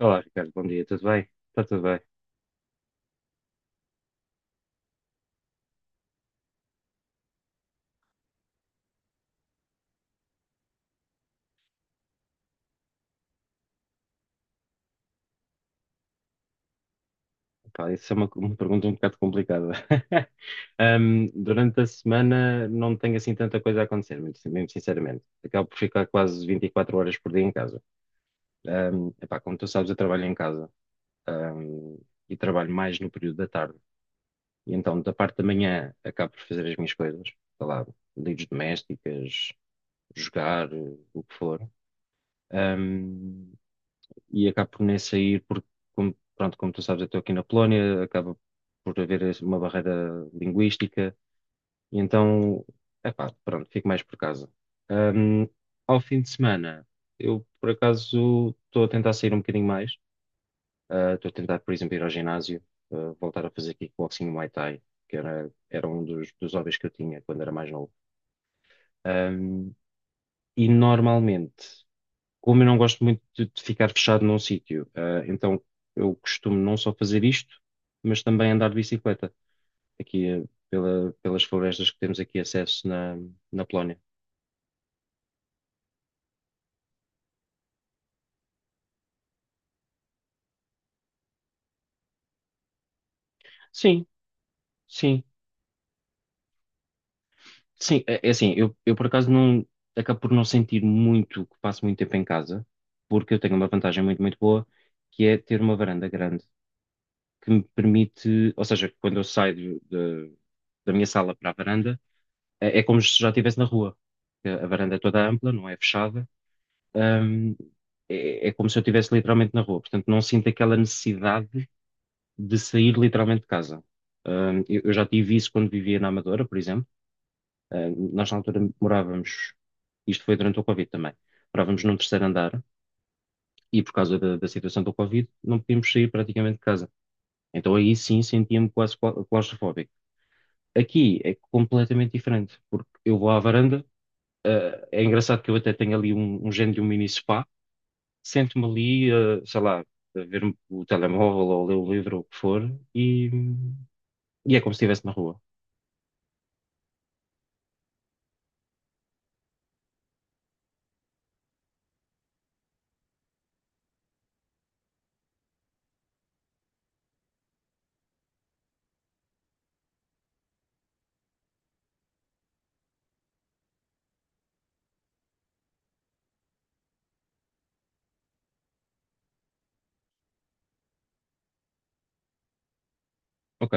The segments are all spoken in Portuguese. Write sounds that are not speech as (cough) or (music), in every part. Olá, Ricardo, bom dia, tudo bem? Está tudo bem. Epá, isso é uma pergunta um bocado complicada. (laughs) Durante a semana não tenho assim tanta coisa a acontecer, muito, mesmo sinceramente. Acabo por ficar quase 24 horas por dia em casa. Epá, como tu sabes, eu trabalho em casa, ahm, e trabalho mais no período da tarde. E então, da parte da manhã, acabo por fazer as minhas coisas, sei lá, lides domésticas, jogar, o que for. Ahm, e acabo por nem sair, porque, como, pronto, como tu sabes, eu estou aqui na Polónia, acaba por haver uma barreira linguística, e então, epá, pronto, fico mais por casa. Ahm, ao fim de semana, eu, por acaso, estou a tentar sair um bocadinho mais. Estou a tentar, por exemplo, ir ao ginásio, voltar a fazer kickboxing e Muay Thai, que era um dos hobbies que eu tinha quando era mais novo. Ahm, e normalmente, como eu não gosto muito de ficar fechado num sítio, então eu costumo não só fazer isto, mas também andar de bicicleta aqui, pelas florestas que temos aqui acesso na Polónia. Sim, sim, sim. É assim, eu por acaso não acabo por não sentir muito que passo muito tempo em casa, porque eu tenho uma vantagem muito, muito boa, que é ter uma varanda grande que me permite, ou seja, quando eu saio de- da minha sala para a varanda. É como se já estivesse na rua. A varanda é toda ampla, não é fechada. Ahm, é como se eu estivesse literalmente na rua. Portanto, não sinto aquela necessidade de sair literalmente de casa. Eu já tive isso quando vivia na Amadora, por exemplo. Nós na altura morávamos, isto foi durante o Covid também, morávamos num terceiro andar e por causa da situação do Covid não podíamos sair praticamente de casa. Então aí sim sentia-me quase claustrofóbico. Aqui é completamente diferente, porque eu vou à varanda, é engraçado que eu até tenho ali um género de um mini spa. Sento-me ali, sei lá, a ver o telemóvel ou ler o livro ou o que for e, e é como se estivesse na rua. Ok,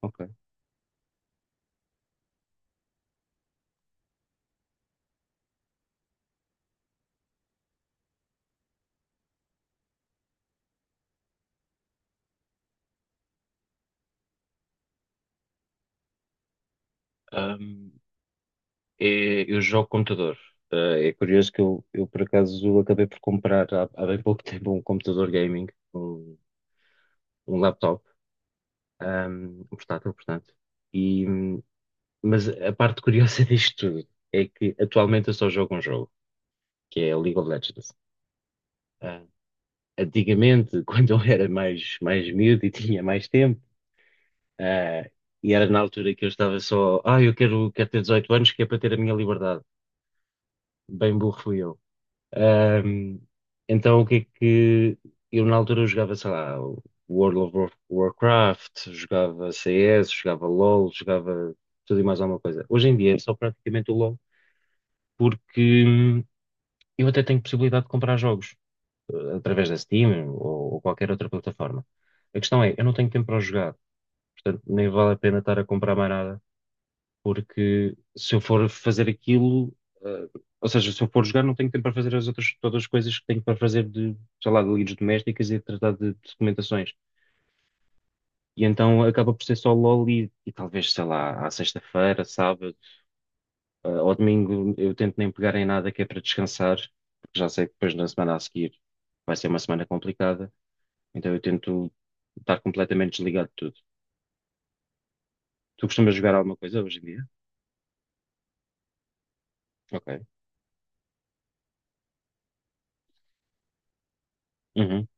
ok. Ahm, eu jogo computador. É curioso que eu, por acaso, acabei por comprar há bem pouco tempo um computador gaming, um, um laptop, um portátil, portanto. E, mas a parte curiosa (laughs) disto tudo é que atualmente eu só jogo um jogo, que é League of Legends. Antigamente, (laughs) quando eu era mais miúdo e tinha mais tempo, ah, e era na altura que eu estava só, eu quero ter 18 anos, que é para ter a minha liberdade. Bem burro fui eu. Ahm, então, o que é que. Eu na altura eu jogava, sei lá, o World of Warcraft, jogava CS, jogava LOL, jogava tudo e mais alguma coisa. Hoje em dia é só praticamente o LOL, porque eu até tenho possibilidade de comprar jogos, através da Steam ou qualquer outra plataforma. A questão é, eu não tenho tempo para o jogar, portanto, nem vale a pena estar a comprar mais nada, porque se eu for fazer aquilo, eh, ou seja, se eu for jogar, não tenho tempo para fazer as outras, todas as coisas que tenho para fazer de, sei lá, de lides domésticas e de tratar de documentações. E então acaba por ser só LOL e talvez, sei lá, à sexta-feira, sábado, ao domingo, eu tento nem pegar em nada que é para descansar, porque já sei que depois na semana a seguir vai ser uma semana complicada. Então eu tento estar completamente desligado de tudo. Tu costumas jogar alguma coisa hoje em dia? Ok. Uhum.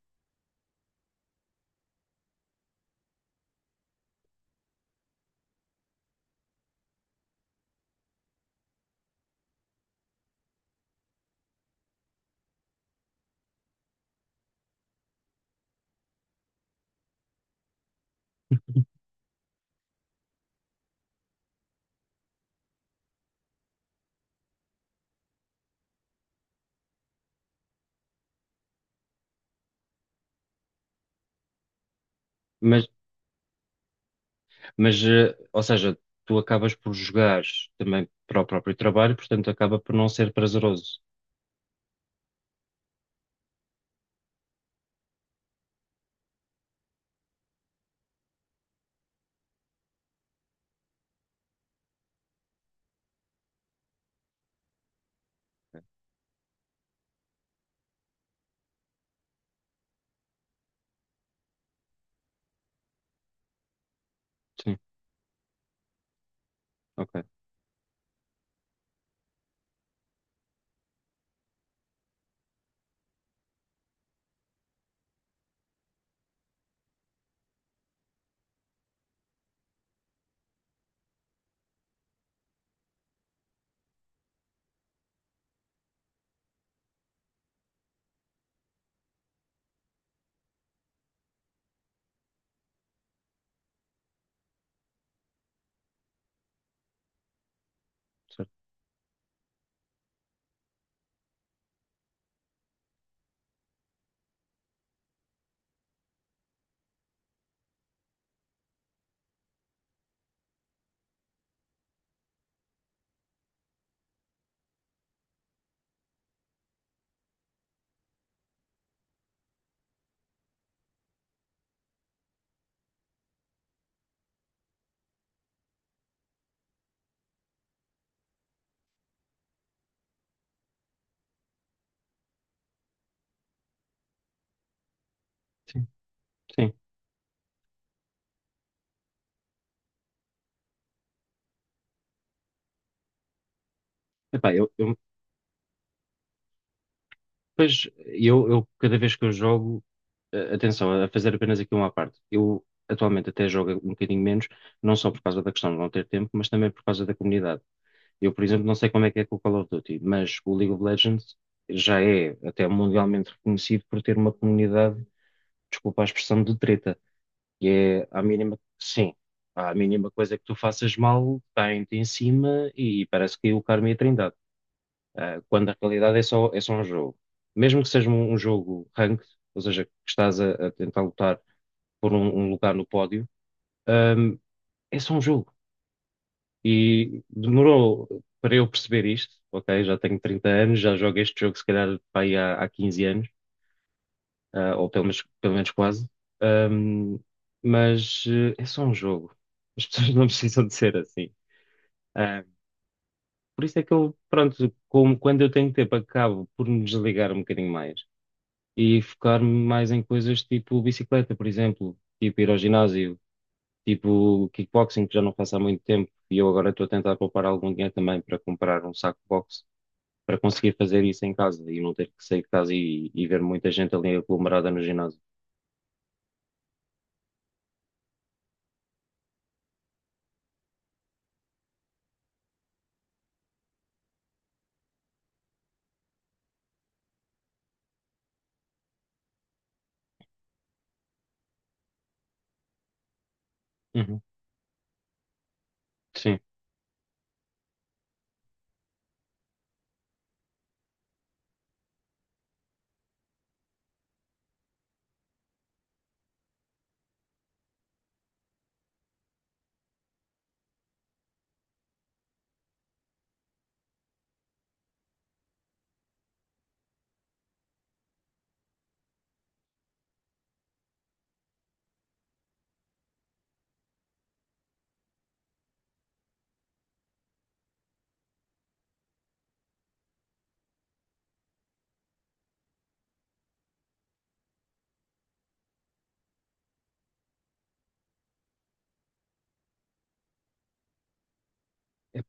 Mas, mas, ou seja, tu acabas por jogar também para o próprio trabalho, portanto acaba por não ser prazeroso. Sim, ok. Certo. Sim, sim. Epá, eu, pois, eu cada vez que eu jogo, atenção, a fazer apenas aqui uma à parte. Eu atualmente até jogo um bocadinho menos, não só por causa da questão de não ter tempo, mas também por causa da comunidade. Eu, por exemplo, não sei como é que é com o Call of Duty, mas o League of Legends já é até mundialmente reconhecido por ter uma comunidade, desculpa a expressão, de treta. E é à mínima, sim, à mínima coisa que tu faças mal, caem-te em cima e parece que é o Karma e a Trindade. Quando na realidade é só um jogo. Mesmo que seja um jogo ranked, ou seja, que estás a tentar lutar por um lugar no pódio, ahm, é só um jogo. E demorou para eu perceber isto, ok? Já tenho 30 anos, já jogo este jogo se calhar pá, aí há 15 anos, ou pelo menos quase. Ahm, mas é só um jogo. As pessoas não (laughs) precisam de ser assim. Ah, por isso é que eu, pronto, como quando eu tenho tempo, acabo por me desligar um bocadinho mais e focar-me mais em coisas tipo bicicleta, por exemplo, tipo ir ao ginásio, tipo kickboxing, que já não faço há muito tempo, e eu agora estou a tentar poupar algum dinheiro também para comprar um saco box para conseguir fazer isso em casa e não ter que sair de casa e ver muita gente ali aglomerada no ginásio. Uhum. Sim.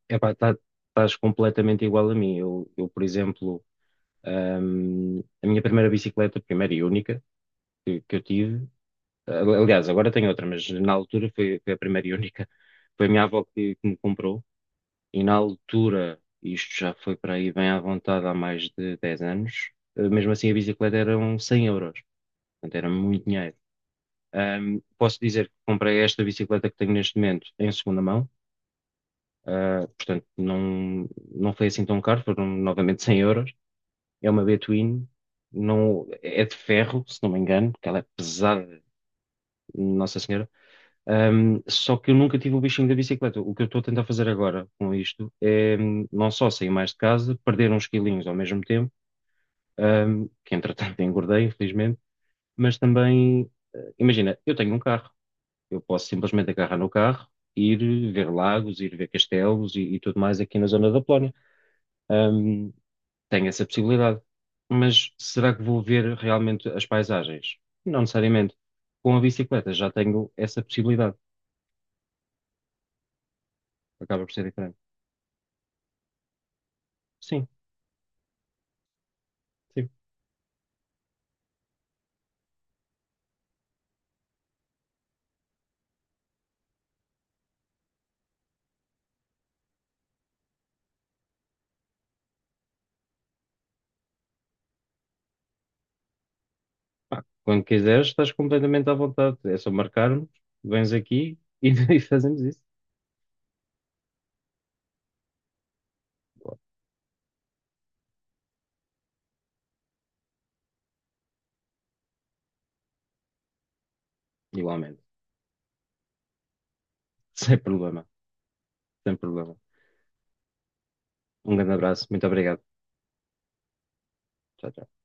Epá, tá, estás completamente igual a mim. Eu, por exemplo, a minha primeira bicicleta, primeira e única que eu tive, aliás, agora tenho outra, mas na altura foi a primeira e única, foi a minha avó que me comprou. E na altura, isto já foi para aí bem à vontade há mais de 10 anos, mesmo assim a bicicleta eram 100 euros. Portanto, era muito dinheiro. Posso dizer que comprei esta bicicleta que tenho neste momento em segunda mão, portanto, não, não foi assim tão caro, foram novamente 100 euros. É uma B-Twin, não, é de ferro, se não me engano, porque ela é pesada. Nossa Senhora. Só que eu nunca tive o bichinho da bicicleta. O que eu estou a tentar fazer agora com isto é não só sair mais de casa, perder uns quilinhos ao mesmo tempo, que entretanto (laughs) engordei, infelizmente, mas também, imagina, eu tenho um carro. Eu posso simplesmente agarrar no carro, ir ver lagos, ir ver castelos e tudo mais aqui na zona da Polónia. Ahm, tenho essa possibilidade. Mas será que vou ver realmente as paisagens? Não necessariamente. Com a bicicleta já tenho essa possibilidade. Acaba por ser diferente. Sim, sim. Pá, quando quiseres, estás completamente à vontade. É só marcar-nos, vens aqui e, (laughs) e fazemos isso. Igualmente. Sem problema, sem problema. Um grande abraço, muito obrigado. Tchau, tchau.